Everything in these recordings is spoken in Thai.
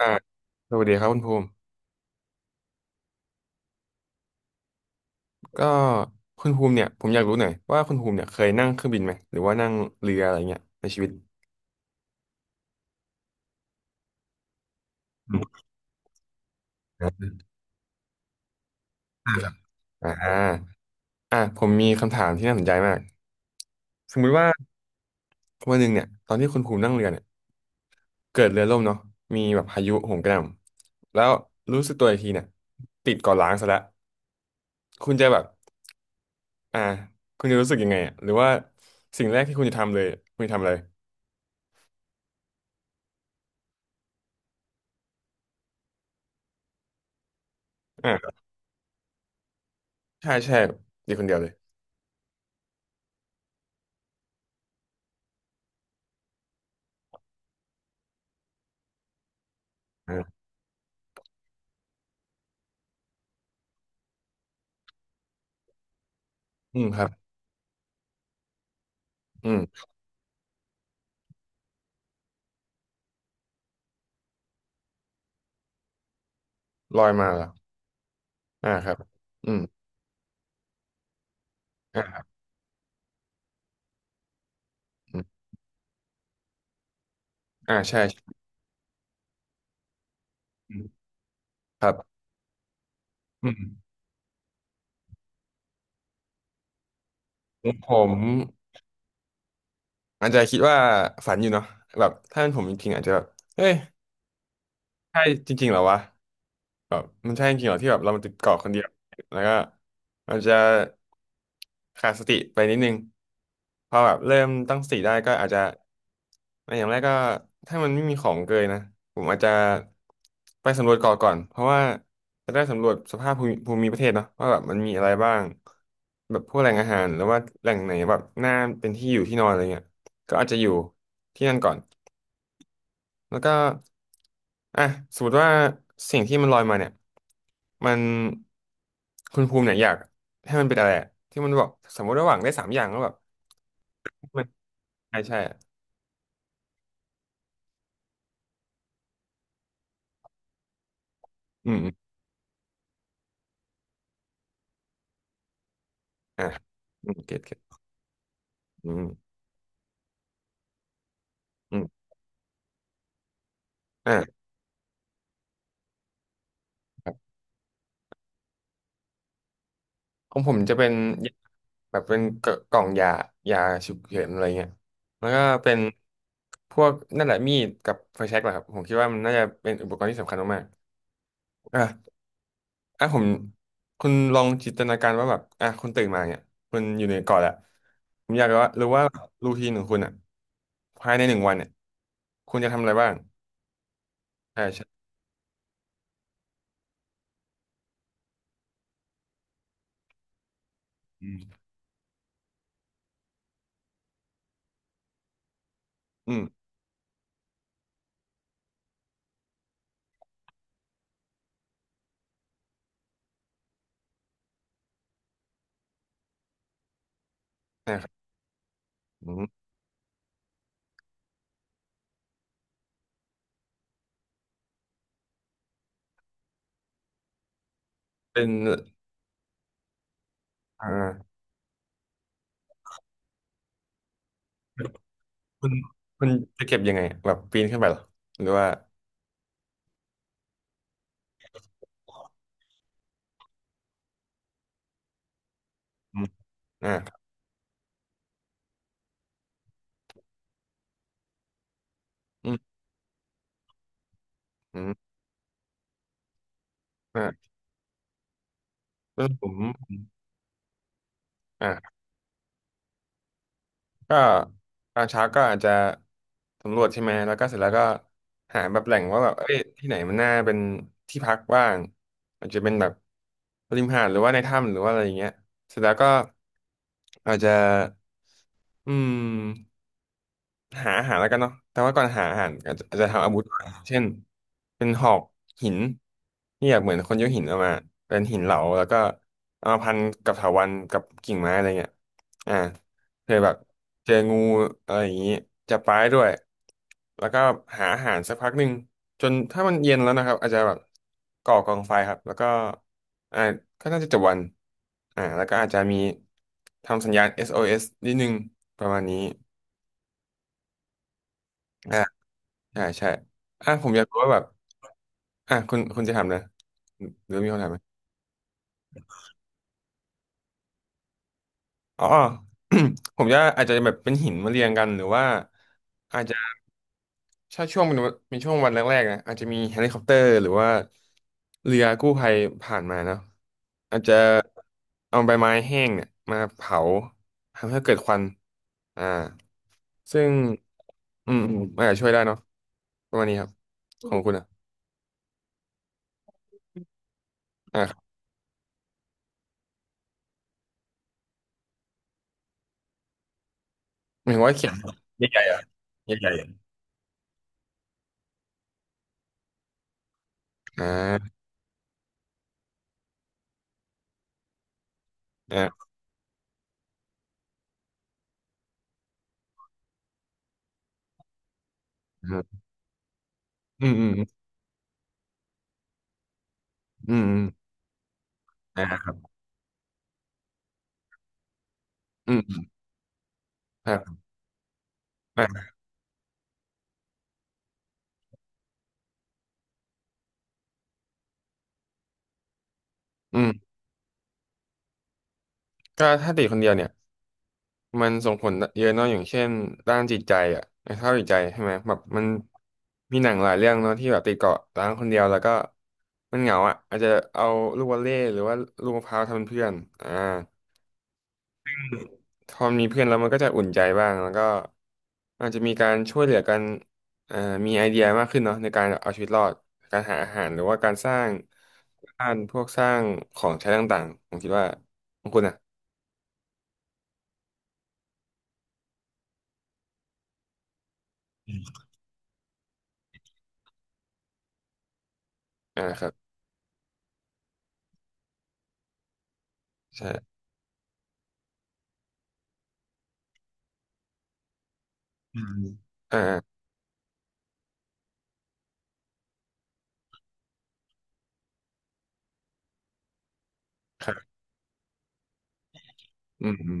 อ่าสวัสดีครับคุณภูมิก็คุณภูมิเนี่ยผมอยากรู้หน่อยว่าคุณภูมิเนี่ยเคยนั่งเครื่องบินไหมหรือว่านั่งเรืออะไรเงี้ยในชีวิตอืมอ่าครับอ่าอ่าผมมีคำถามที่น่าสนใจมากสมมุติว่าวันหนึ่งเนี่ยตอนที่คุณภูมินั่งเรือเนี่ยเกิดเรือล่มเนาะมีแบบพายุโหมกระหน่ำแล้วรู้สึกตัวอีกทีเนี่ยติดเกาะล้างซะแล้วคุณจะแบบอ่าคุณจะรู้สึกยังไงอ่ะหรือว่าสิ่งแรกที่คุณจะทำเลยคุณจะทำอะไรอ่าใช่ใช่อยู่คนเดียวเลยอ่าอืมครับ ลอยมาเหรออ่าครับอืมอ่าครับอืมอ่าใช่ใช่อืมครับอืมผมอาจจะคิดว่าฝันอยู่เนาะแบบถ้าเป็นผมจริงๆอาจจะแบบเฮ้ยใช่จริงๆเหรอวะ แบบมันใช่จริงเหรอที่แบบเรามันติดเกาะคนเดียวแล้วก็มันจะขาดสติไปนิดนึงพอแบบเริ่มตั้งสติได้ก็อาจจะอย่างแรกก็ถ้ามันไม่มีของเกยนะผมอาจจะไปสำรวจเกาะก่อนเพราะว่าจะได้สำรวจสภาพภูมิประเทศเนาะว่าแบบมันมีอะไรบ้างแบบพวกแหล่งอาหารหรือว่าแหล่งไหนแบบน่าเป็นที่อยู่ที่นอนอะไรเงี้ยก็อาจจะอยู่ที่นั่นก่อน แล้วก็อ่ะสมมติว่าสิ่งที่มันลอยมาเนี่ยมันคุณภูมิเนี่ยอยากให้มันเป็นอะไรอะที่มันบอกสมมติระหว่าหวังได้สามอย่างแล้วแบบมันใช่ใช่อะอืมอมอ่ะอืมเก็ตเก็ตอืมอืมอ่ะครับของผมจะเป็นยาแบบเป็นกล่องยายาฉุกเฉินอะไรเงี้ยแล้วก็เป็นพวกนั่นแหละมีดกับไฟแช็กแหละครับผมคิดว่ามันน่าจะเป็นอุปกรณ์ที่สำคัญมากๆอ่ะ อ่ะคุณลองจินตนาการว่าแบบอ่ะคุณตื่นมาเนี่ยคุณอยู่ในเกาะแหละผมอยากรู้ว่ารูทีนของคุณอ่ะภายในหนึ่งวันเนี่ยคุณจะทำอะไรบ้างใช่ใช่อืมอืมนะครับอืมเป็นอ่าคุณคุณจะเก็บยังไงแบบปีนขึ้นไปเหรอหรือว่าอืมอ่าครับอืมอืมอ่าเรื่องผมอ่า ก็ตอนเช้าก็อาจจะสำรวจใช่ไหม แล้วก็เสร็จแล้วก็หาแบบแหล่งว่าแบบเอ้ยที่ไหนมันน่าเป็นที่พักบ้างอาจจะเป็นแบบริมหาดหรือว่าในถ้ำหรือว่าอะไรอย่างเงี้ยเสร็จแล้วก็อาจจะอืม หาอาหารแล้วกันเนาะแต่ว่าก่อนหาอาหารอาจจะทำอาวุธก่อนเช่นเป็นหอกหินที่แบบเหมือนคนยกหินออกมาเป็นหินเหลาแล้วก็เอามาพันกับเถาวัลย์กับกิ่งไม้อะไรเงี้ยอ่าเคยแบบเจองูอะไรอย่างงี้จับปลาได้ด้วยแล้วก็หาอาหารสักพักหนึ่งจนถ้ามันเย็นแล้วนะครับอาจจะแบบก่อกองไฟครับแล้วก็อ่าก็น่าจะจบวันอ่าแล้วก็อาจจะมีทำสัญญาณเอสโอเอสนิดนึงประมาณนี้ อ่าใช่อ่ะผมอยากรู้ว่าแบบอ่ะคุณจะทำนะหรือมีคำถามไหมอ๋อ ผมจะอาจจะแบบเป็นหินมาเรียงกันหรือว่าอาจจะถ้าช่วงเป็นช่วงวันแรกๆนะอาจจะมีเฮลิคอปเตอร์หรือว่าเรือกู้ภัยผ่านมาเนาะอาจจะเอาใบไม้แห้งเนี่ยมาเผาทำให้เกิดควันอ่าซึ่งอืมอืมอาจจะช่วยได้เนาะประมาณนี้ครับของคุณอ่ะอ่าครับหมายถึงว่าเข็มใหญ่ๆอ่ะใหญ่ อ่าอ่าอืมอืมอืมอืมอ่าครับอืมอ่าอ่าอืมก็ถ้าติดคนเดียวเนี่ยมันส่งผลเยอะเนาะอย่างเช่นด้านจิตใจอ่ะสภาพจิตใจใช่ไหมแบบมันมีหนังหลายเรื่องเนาะที่แบบติดเกาะร้างคนเดียวแล้วก็มันเหงาอ่ะอาจจะเอาลูกวอลเลย์หรือว่าลูกมะพร้าวทำเป็นเพื่อนอ่า พอมีเพื่อนแล้วมันก็จะอุ่นใจบ้างแล้วก็อาจจะมีการช่วยเหลือกันเอ่อมีไอเดียมากขึ้นเนาะในการเอาชีวิตรอดการหาอาหารหรือว่าการสร้างบ้านพวกสร้างของใช้ต่างๆผมคิดว่าของคุณอ่ะอ่าครับใช่อืมอ่าอ่าครับอืมอืม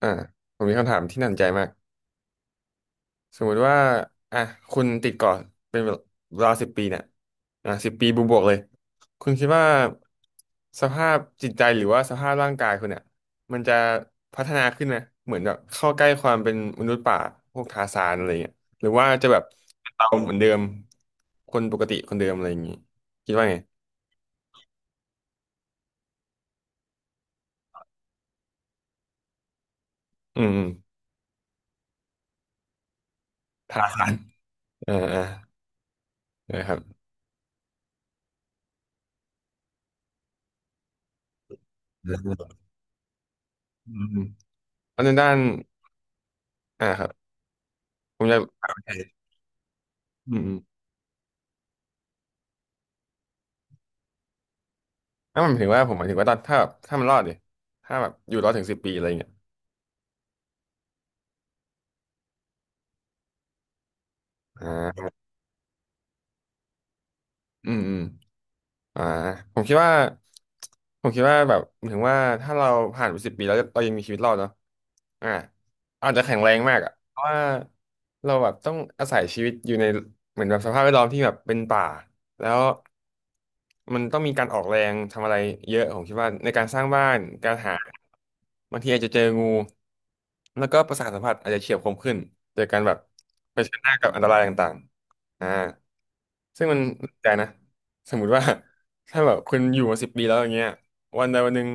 อ่าผมมีคำถามที่น่าสนใจมาก สมมุติว่าอ่ะคุณติดเกาะเป็นเวลาสิบปีเนี่ยอ่ะสิบปีบวกๆเลยคุณคิดว่าสภาพจิตใจหรือว่าสภาพร่างกายคุณเนี่ยมันจะพัฒนาขึ้นไหมเหมือนแบบเข้าใกล้ความเป็นมนุษย์ป่าพวกทาร์ซานอะไรเงี้ยหรือว่าจะแบบเราเหมือนเดิมคนปกติคนเดิมอะไรอย่างงี้คิดว่าไงอืมอืมทาร์ซานอ่าอ่านะครับอืมอืมแล้วในด้านอ่าครับผมอยากโอืม ถ้ามันถึงว่าผมหมายถึงว่าตอนถ้าแบบถ้ามันรอดดิถ้าแบบอยู่รอดถึงสิบปีอะไรอย่างเงี้ยอ่าอืมอืม อ่าผมคิดว่าผมคิดว่าแบบถึงว่าถ้าเราผ่านไปสิบปีแล้วเรายังมีชีวิตรอดเนาะอ่าอาจจะแข็งแรงมากอ่ะเพราะว่าเราแบบต้องอาศัยชีวิตอยู่ในเหมือนแบบสภาพแวดล้อมที่แบบเป็นป่าแล้วมันต้องมีการออกแรงทำอะไรเยอะผมคิดว่าในการสร้างบ้านการหาบางทีอาจจะเจองูแล้วก็ประสาทสัมผัสอาจจะเฉียบคมขึ้นเจอการแบบเผชิญหน้ากับอันตรายต่างๆอ่าซึ่งมันน่าสนใจนะ สมมุติว่า ถ้าแบบคุณอยู่มา10 ปีแล้วอย่างเงี้ยวันใดวันหนึ่ง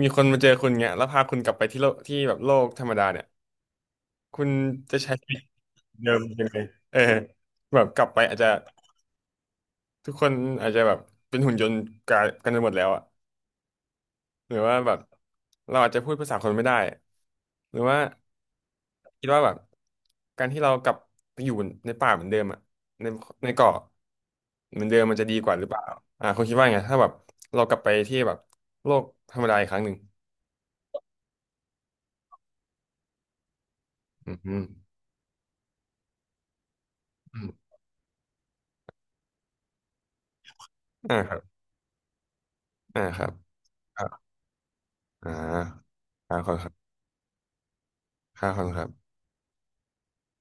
มีคนมาเจอคุณเงี้ยแล้วพาคุณกลับไปที่โลกที่แบบโลกธรรมดาเนี่ยคุณจะใช้ชีวิตเดิมยังไงเออแบบกลับไปอาจจะทุกคนอาจจะแบบเป็นหุ่นยนต์กันไปหมดแล้วอะ หรือว่าแบบเราอาจจะพูดภาษาคนไม่ได้หรือว่าคิดว่าแบบการที่เรากลับไปอยู่ในป่าเหมือนเดิมอะในในเกาะเหมือนเดิมมันจะดีกว่าหรือเปล่าอ่าคุณคิดว่าไงถ้าแบบเรากลับไปที่แบบโลกธรรมดาอีกครั้งหนึ่งอืมอมอืมอ่าครับอ่าครับอ่าอ่าครับขอบคุณครับครับขอบคุณครับ